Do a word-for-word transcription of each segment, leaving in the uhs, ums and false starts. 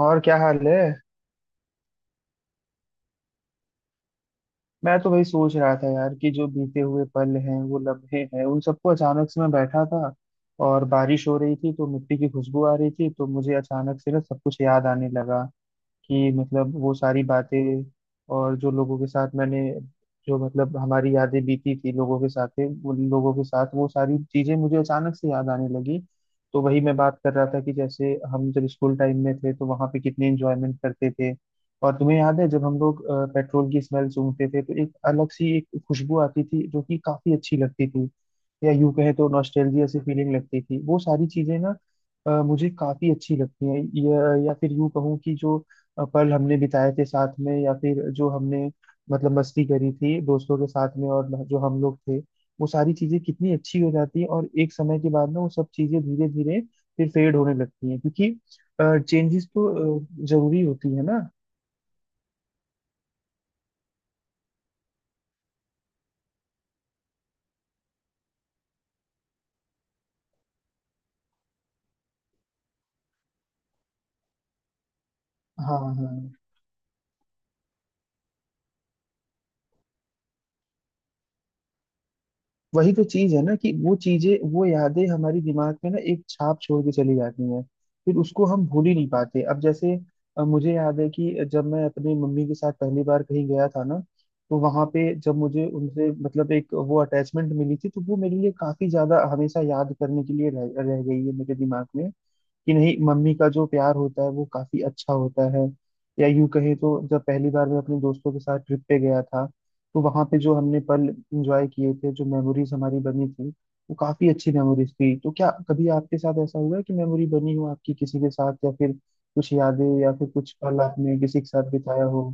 और क्या हाल है। मैं तो वही सोच रहा था यार कि जो बीते हुए पल हैं, वो लम्हे हैं, उन सबको अचानक से मैं बैठा था और बारिश हो रही थी, तो मिट्टी की खुशबू आ रही थी। तो मुझे अचानक से ना सब कुछ याद आने लगा कि मतलब वो सारी बातें और जो लोगों के साथ मैंने जो मतलब हमारी यादें बीती थी लोगों के साथ, उन लोगों के साथ वो सारी चीजें मुझे अचानक से याद आने लगी। तो वही मैं बात कर रहा था कि जैसे हम जब स्कूल टाइम में थे तो वहां पे कितने एंजॉयमेंट करते थे। और तुम्हें याद है जब हम लोग अ, पेट्रोल की स्मेल सूंघते थे, तो एक अलग सी एक खुशबू आती थी जो कि काफी अच्छी लगती थी। या यूं कहें तो नॉस्टैल्जिया सी फीलिंग लगती थी वो सारी चीजें ना। अ, मुझे काफी अच्छी लगती हैं, या, या फिर यूं कहूँ कि जो अ, पल हमने बिताए थे साथ में, या फिर जो हमने मतलब मस्ती करी थी दोस्तों के साथ में, और जो हम लोग थे वो सारी चीजें कितनी अच्छी हो जाती है। और एक समय के बाद ना वो सब चीजें धीरे धीरे फिर फेड होने लगती हैं, क्योंकि चेंजेस तो अ, जरूरी होती है ना। हाँ, हाँ, हाँ। वही तो चीज है ना कि वो चीजें, वो यादें हमारी दिमाग में ना एक छाप छोड़ के चली जाती हैं, फिर उसको हम भूल ही नहीं पाते। अब जैसे अ, मुझे याद है कि जब मैं अपनी मम्मी के साथ पहली बार कहीं गया था ना, तो वहां पे जब मुझे उनसे मतलब एक वो अटैचमेंट मिली थी, तो वो मेरे लिए काफी ज्यादा हमेशा याद करने के लिए रह, रह गई है मेरे दिमाग में कि नहीं, मम्मी का जो प्यार होता है वो काफी अच्छा होता है। या यूं कहे तो जब पहली बार मैं अपने दोस्तों के साथ ट्रिप पे गया था, तो वहां पे जो हमने पल एंजॉय किए थे, जो मेमोरीज हमारी बनी थी, वो काफी अच्छी मेमोरीज थी। तो क्या कभी आपके साथ ऐसा हुआ है कि मेमोरी बनी हो आपकी किसी के साथ, या फिर कुछ यादें या फिर कुछ पल आपने किसी के साथ बिताया हो?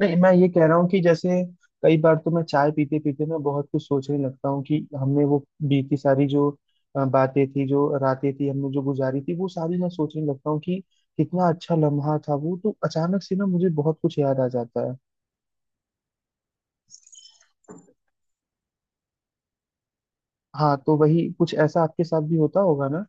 नहीं, मैं ये कह रहा हूँ कि जैसे कई बार तो मैं चाय पीते पीते ना बहुत कुछ सोचने लगता हूँ कि हमने वो बीती सारी जो अ, बातें थी, जो रातें थी हमने जो गुजारी थी, वो सारी मैं सोचने लगता हूँ कि कितना अच्छा लम्हा था वो। तो अचानक से ना मुझे बहुत कुछ याद आ जाता है। हाँ, तो वही कुछ ऐसा आपके साथ भी होता होगा ना।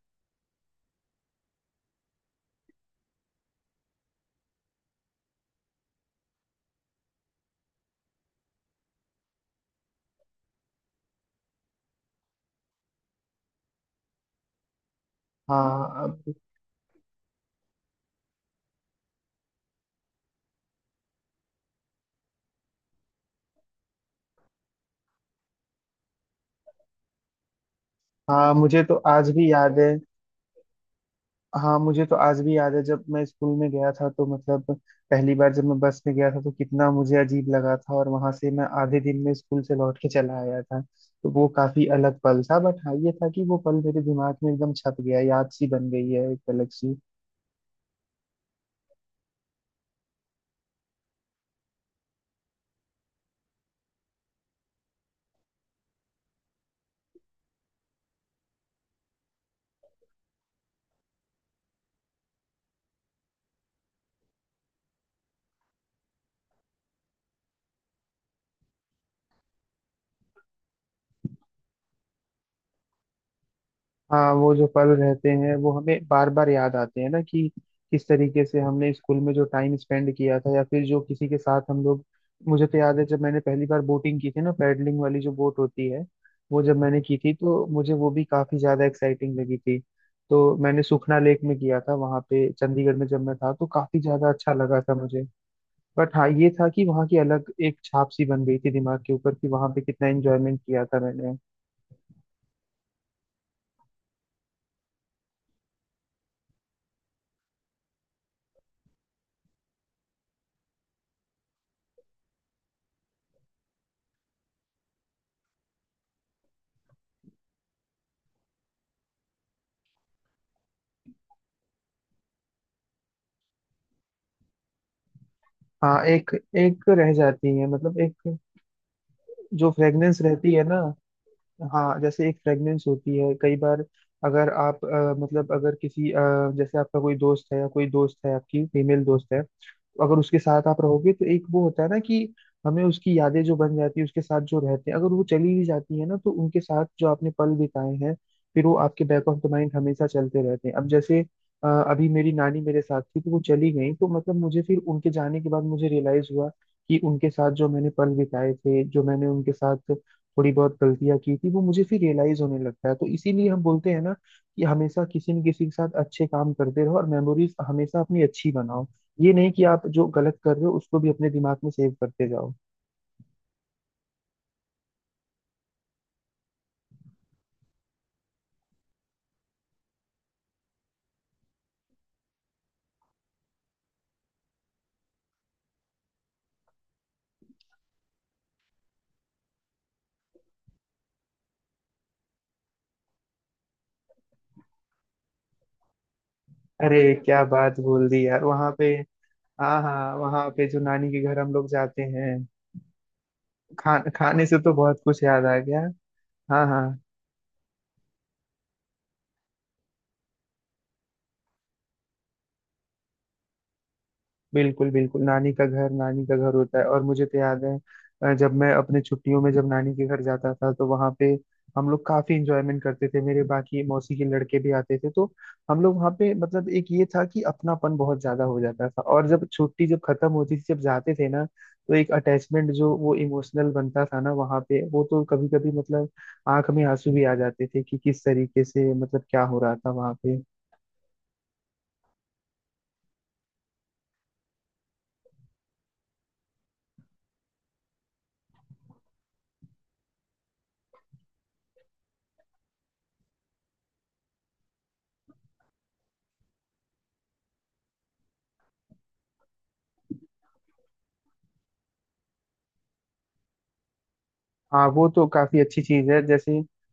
हाँ, अब- हाँ, मुझे तो आज भी याद है। हाँ, मुझे तो आज भी याद है जब मैं स्कूल में गया था, तो मतलब पहली बार जब मैं बस में गया था, तो कितना मुझे अजीब लगा था, और वहां से मैं आधे दिन में स्कूल से लौट के चला आया था। तो वो काफी अलग पल था, बट हाँ ये था कि वो पल मेरे दिमाग में एकदम छप गया, याद सी बन गई है एक अलग सी। हाँ, वो जो पल रहते हैं वो हमें बार बार याद आते हैं ना कि किस तरीके से हमने स्कूल में जो टाइम स्पेंड किया था, या फिर जो किसी के साथ हम लोग। मुझे तो याद है जब मैंने पहली बार बोटिंग की थी ना, पैडलिंग वाली जो बोट होती है, वो जब मैंने की थी तो मुझे वो भी काफी ज्यादा एक्साइटिंग लगी थी। तो मैंने सुखना लेक में किया था, वहां पे चंडीगढ़ में जब मैं था, तो काफी ज्यादा अच्छा लगा था मुझे। बट हाँ ये था कि वहाँ की अलग एक छाप सी बन गई थी दिमाग के ऊपर कि वहां पे कितना एंजॉयमेंट किया था मैंने। हाँ, एक एक रह जाती है, मतलब एक जो फ्रेग्रेंस रहती है ना। हाँ, जैसे एक फ्रेगनेंस होती है कई बार। अगर आप अ, मतलब अगर किसी अ, जैसे आपका कोई दोस्त है, या कोई दोस्त है आपकी फीमेल दोस्त है, तो अगर उसके साथ आप रहोगे, तो एक वो होता है ना कि हमें उसकी यादें जो बन जाती है उसके साथ जो रहते हैं, अगर वो चली भी जाती है ना, तो उनके साथ जो आपने पल बिताए हैं, फिर वो आपके बैक ऑफ द माइंड हमेशा चलते रहते हैं। अब जैसे अ, अभी मेरी नानी मेरे साथ थी, तो वो चली गई, तो मतलब मुझे फिर उनके जाने के बाद मुझे रियलाइज हुआ कि उनके साथ जो मैंने पल बिताए थे, जो मैंने उनके साथ थोड़ी बहुत गलतियां की थी, वो मुझे फिर रियलाइज होने लगता है। तो इसीलिए हम बोलते हैं ना कि हमेशा किसी न किसी के साथ अच्छे काम करते रहो, और मेमोरीज हमेशा अपनी अच्छी बनाओ। ये नहीं कि आप जो गलत कर रहे हो उसको भी अपने दिमाग में सेव करते जाओ। अरे, क्या बात बोल दी यार। वहां पे हाँ, हाँ, वहां पे जो नानी के घर हम लोग जाते हैं। खा, खाने से तो बहुत कुछ याद आ गया। हाँ, हाँ। बिल्कुल, बिल्कुल, नानी का घर नानी का घर होता है। और मुझे तो याद है अ, जब मैं अपने छुट्टियों में जब नानी के घर जाता था, तो वहां पे हम लोग काफी इंजॉयमेंट करते थे, मेरे बाकी मौसी के लड़के भी आते थे, तो हम लोग वहाँ पे मतलब एक ये था कि अपनापन बहुत ज्यादा हो जाता था। और जब छुट्टी जब खत्म होती थी, जब जाते थे ना, तो एक अटैचमेंट जो वो इमोशनल बनता था ना वहाँ पे, वो तो कभी कभी मतलब आंख में आंसू भी आ जाते थे कि किस तरीके से मतलब क्या हो रहा था वहाँ पे। हाँ, वो तो काफी अच्छी चीज है। जैसे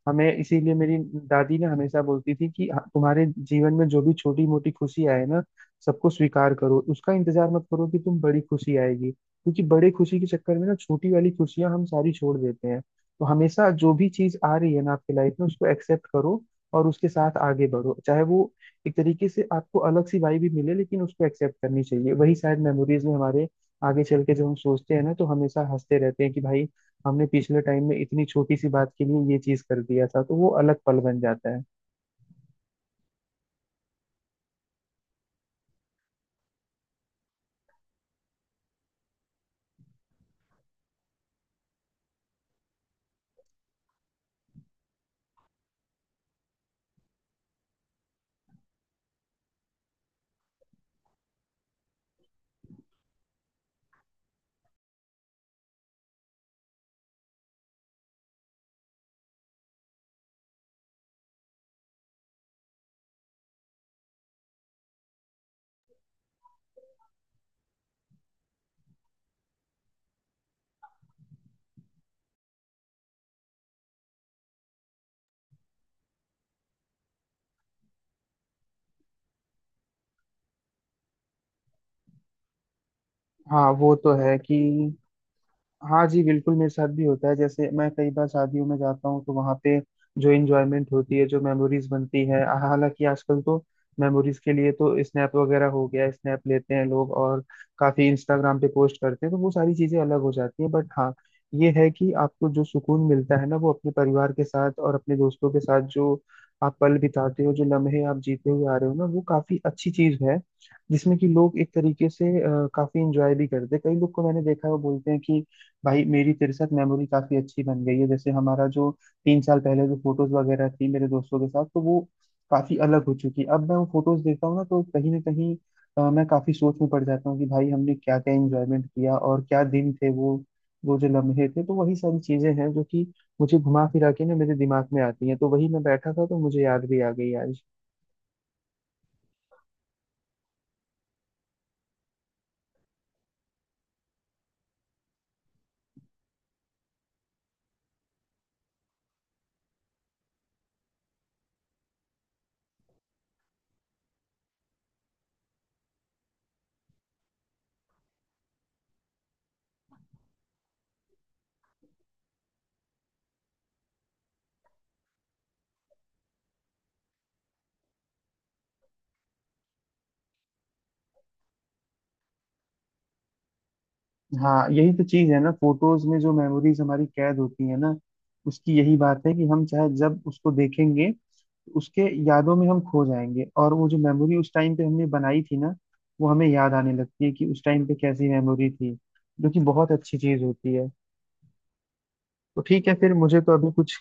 हमें इसीलिए मेरी दादी ना हमेशा बोलती थी कि हाँ, तुम्हारे जीवन में जो भी छोटी मोटी खुशी आए ना, सबको स्वीकार करो, उसका इंतजार मत करो कि तुम बड़ी खुशी आएगी, क्योंकि बड़े खुशी के चक्कर में ना छोटी वाली खुशियां हम सारी छोड़ देते हैं। तो हमेशा जो भी चीज आ रही है ना आपकी लाइफ में, उसको एक्सेप्ट करो, और उसके साथ आगे बढ़ो, चाहे वो एक तरीके से आपको अलग सी वाई भी मिले, लेकिन उसको एक्सेप्ट करनी चाहिए। वही शायद मेमोरीज में हमारे आगे चल के जब हम सोचते हैं ना, तो हमेशा हंसते रहते हैं कि भाई हमने पिछले टाइम में इतनी छोटी सी बात के लिए ये चीज कर दिया था, तो वो अलग पल बन जाता है। हाँ, वो तो है कि हाँ जी, बिल्कुल मेरे साथ भी होता है। जैसे मैं कई बार शादियों में जाता हूँ, तो वहाँ पे जो एंजॉयमेंट होती है, जो मेमोरीज बनती है, हालांकि आजकल तो मेमोरीज के लिए तो स्नैप वगैरह हो गया, स्नैप लेते हैं लोग, और काफी इंस्टाग्राम पे पोस्ट करते हैं, तो वो सारी चीजें अलग हो जाती है। बट हाँ, ये है कि आपको जो सुकून मिलता है ना वो अपने परिवार के साथ और अपने दोस्तों के साथ जो आप पल बिताते हो, जो लम्हे आप जीते हुए आ रहे हो ना, वो काफी अच्छी चीज है जिसमें कि लोग एक तरीके से अ, काफी इंजॉय भी करते हैं। कई लोग को मैंने देखा है वो बोलते हैं कि भाई मेरी तेरे साथ मेमोरी काफी अच्छी बन गई है। जैसे हमारा जो तीन साल पहले जो फोटोज वगैरह थी मेरे दोस्तों के साथ, तो वो काफी अलग हो चुकी है। अब मैं वो फोटोज देखता हूँ ना, तो कहीं ना कहीं अ, मैं काफी सोच में पड़ जाता हूँ कि भाई हमने क्या क्या एंजॉयमेंट किया, और क्या दिन थे वो वो जो लम्हे थे। तो वही सारी चीजें हैं जो कि मुझे घुमा फिरा के ना मेरे दिमाग में आती हैं, तो वही मैं बैठा था तो मुझे याद भी आ गई आज। हाँ, यही तो चीज है ना, फोटोज में जो मेमोरीज हमारी कैद होती है ना, उसकी यही बात है कि हम चाहे जब उसको देखेंगे, उसके यादों में हम खो जाएंगे, और वो जो मेमोरी उस टाइम पे हमने बनाई थी ना, वो हमें याद आने लगती है कि उस टाइम पे कैसी मेमोरी थी, जो कि बहुत अच्छी चीज होती है। तो ठीक है, फिर मुझे तो अभी कुछ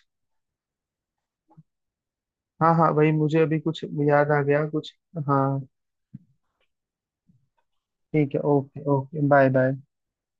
हाँ, हाँ भाई मुझे अभी कुछ याद आ गया कुछ। हाँ, ठीक है, ओके, ओके, बाय बाय।